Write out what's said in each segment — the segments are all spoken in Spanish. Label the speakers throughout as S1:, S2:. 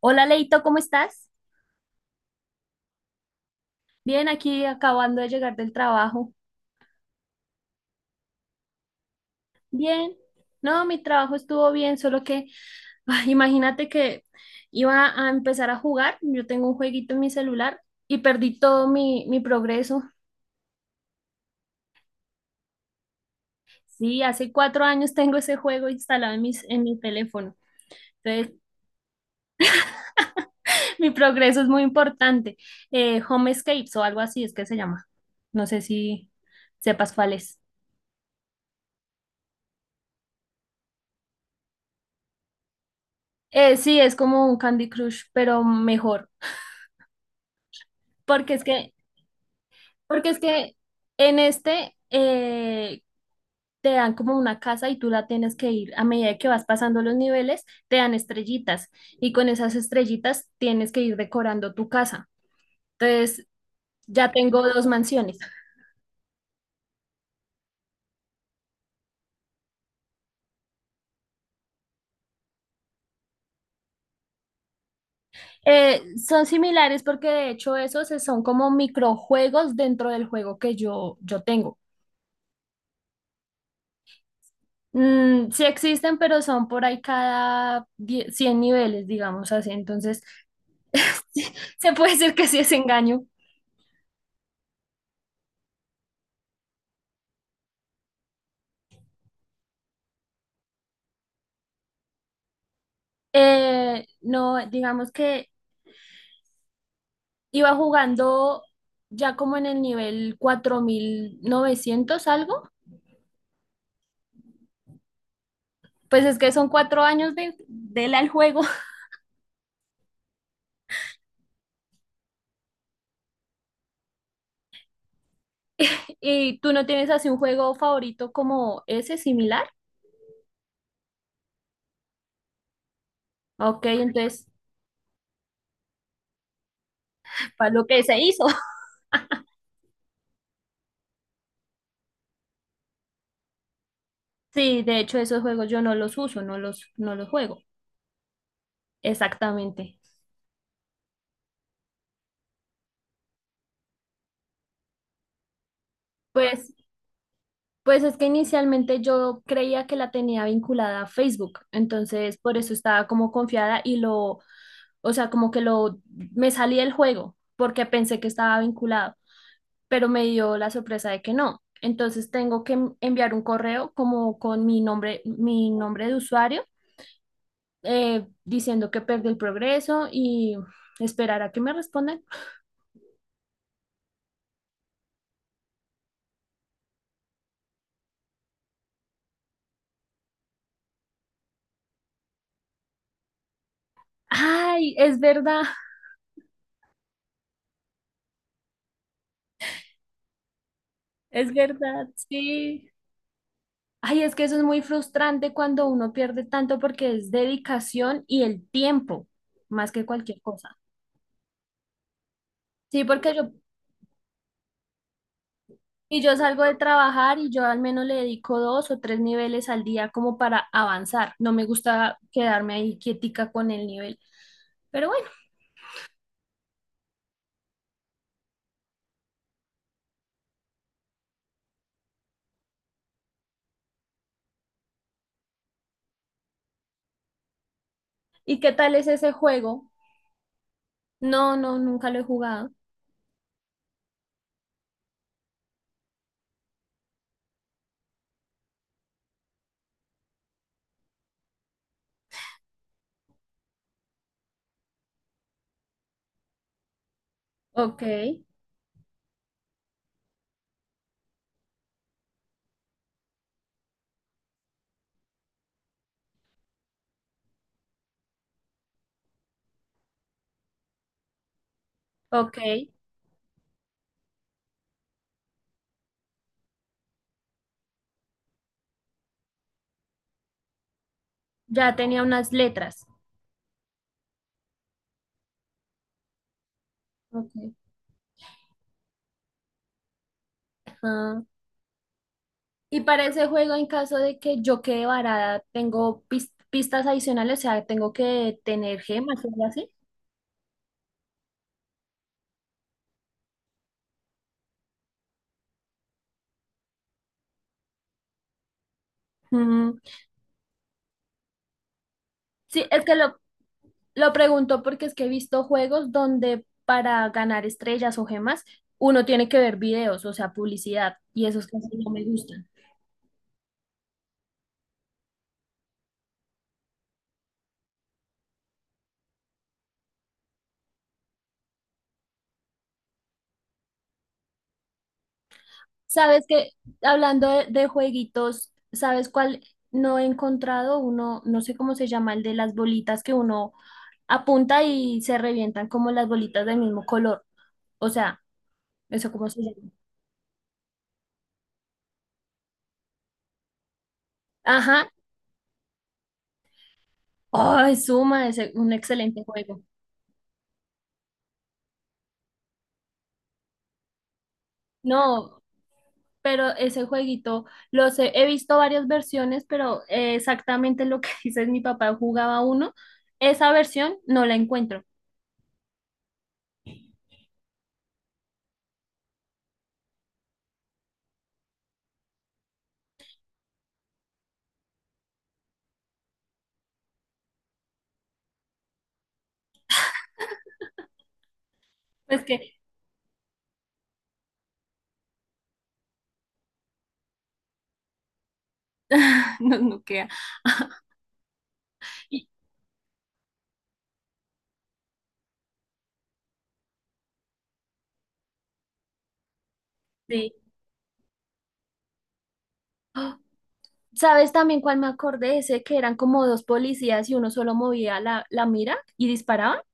S1: Hola Leito, ¿cómo estás? Bien, aquí acabando de llegar del trabajo. Bien. No, mi trabajo estuvo bien, solo que ay, imagínate que iba a empezar a jugar. Yo tengo un jueguito en mi celular y perdí todo mi progreso. Sí, hace 4 años tengo ese juego instalado en mi teléfono. Entonces, mi progreso es muy importante. Home Escapes o algo así es que se llama. No sé si sepas cuál es. Sí, es como un Candy Crush, pero mejor. Porque es que Porque es que en este te dan como una casa y tú la tienes que ir a medida que vas pasando los niveles, te dan estrellitas y con esas estrellitas tienes que ir decorando tu casa. Entonces, ya tengo dos mansiones. Son similares porque de hecho esos son como microjuegos dentro del juego que yo tengo. Sí existen, pero son por ahí cada 100 niveles, digamos así. Entonces, se puede decir que sí es engaño. No, digamos que iba jugando ya como en el nivel 4.900 algo. Pues es que son 4 años del al juego. ¿Y tú no tienes así un juego favorito como ese similar? Ok, entonces, para lo que se hizo. Sí, de hecho esos juegos yo no los uso, no los juego. Exactamente. Pues, pues es que inicialmente yo creía que la tenía vinculada a Facebook, entonces por eso estaba como confiada y lo o sea, como que me salí del juego porque pensé que estaba vinculado, pero me dio la sorpresa de que no. Entonces tengo que enviar un correo como con mi nombre de usuario, diciendo que perdí el progreso y esperar a que me respondan. Ay, es verdad. Es verdad, sí. Ay, es que eso es muy frustrante cuando uno pierde tanto porque es dedicación y el tiempo, más que cualquier cosa. Sí, porque yo y yo salgo de trabajar y yo al menos le dedico dos o tres niveles al día como para avanzar. No me gusta quedarme ahí quietica con el nivel. Pero bueno, ¿y qué tal es ese juego? No, no, nunca lo he jugado. Ok, ok. Ya tenía unas letras. Ok, ajá. Y para ese juego, en caso de que yo quede varada, tengo pistas adicionales, o sea, tengo que tener gemas o algo así. Mm, Sí, es que lo pregunto porque es que he visto juegos donde para ganar estrellas o gemas uno tiene que ver videos, o sea, publicidad, y esos casi no me gustan. Sabes que, hablando de jueguitos, ¿sabes cuál no he encontrado? Uno, no sé cómo se llama, el de las bolitas que uno apunta y se revientan como las bolitas del mismo color. O sea, ¿eso cómo se llama? Ajá. Ay, suma, es un excelente juego. No, pero ese jueguito los he visto, varias versiones, pero exactamente lo que dices, mi papá jugaba uno, esa versión no la encuentro. Pues que no, no queda. Y, sí. ¡Ah! ¿Sabes también cuál me acordé? Ese que eran como dos policías y uno solo movía la mira y disparaba.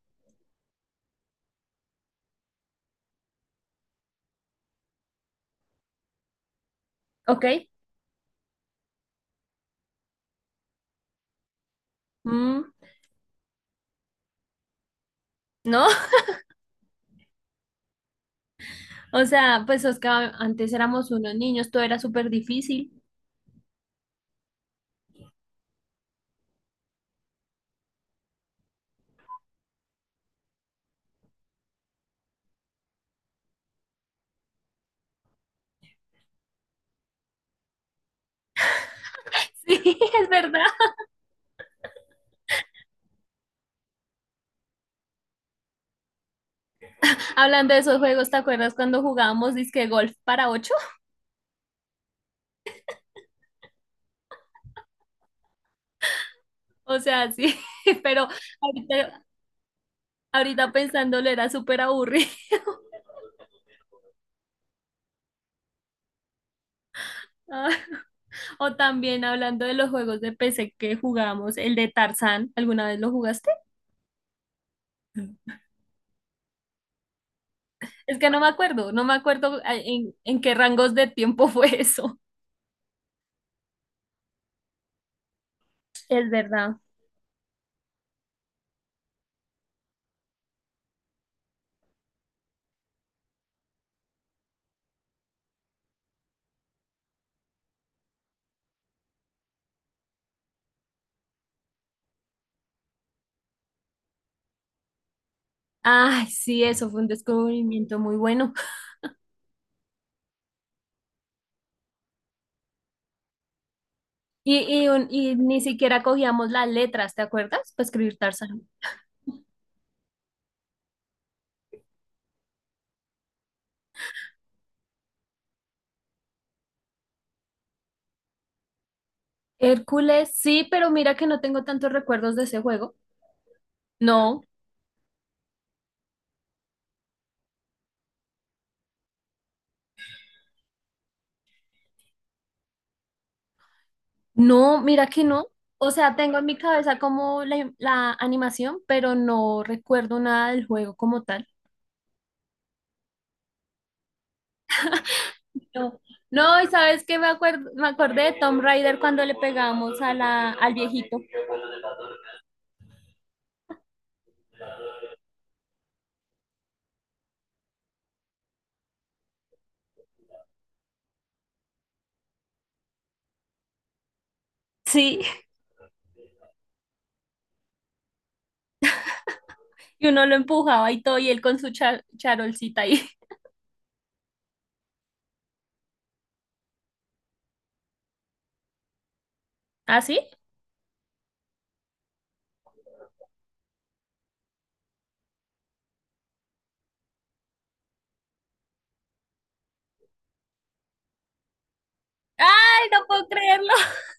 S1: Ok. Mm, no. O sea, pues Oscar, antes éramos unos niños, todo era súper difícil. Sí, es verdad. Hablando de esos juegos, ¿te acuerdas cuando jugábamos disque golf para ocho? O sea, sí, pero ahorita, ahorita pensándolo era súper aburrido. Ah, O también hablando de los juegos de PC que jugamos, el de Tarzán, ¿alguna vez lo jugaste? Es que no me acuerdo en qué rangos de tiempo fue eso. Es verdad. Ay, sí, eso fue un descubrimiento muy bueno. Y, y ni siquiera cogíamos las letras, ¿te acuerdas? Para escribir Tarzán. Hércules, sí, pero mira que no tengo tantos recuerdos de ese juego. No. No, mira que no. O sea, tengo en mi cabeza como la animación, pero no recuerdo nada del juego como tal. No, no, y sabes que me acuerdo, me acordé de Tomb Raider cuando le pegamos a la, al viejito. Sí, y uno lo empujaba y todo, y él con su charolcita ahí. ¿Ah, sí? ¡Ay, no puedo creerlo!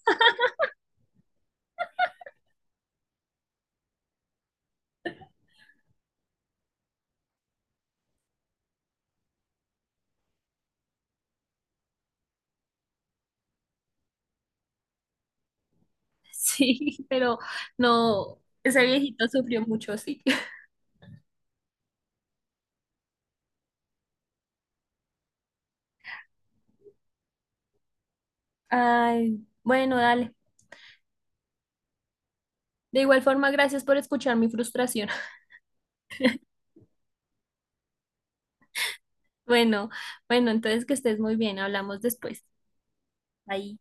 S1: Sí, pero no, ese viejito sufrió mucho, sí. Ay, bueno, dale. De igual forma, gracias por escuchar mi frustración. Bueno, bueno, entonces que estés muy bien, hablamos después. Ahí.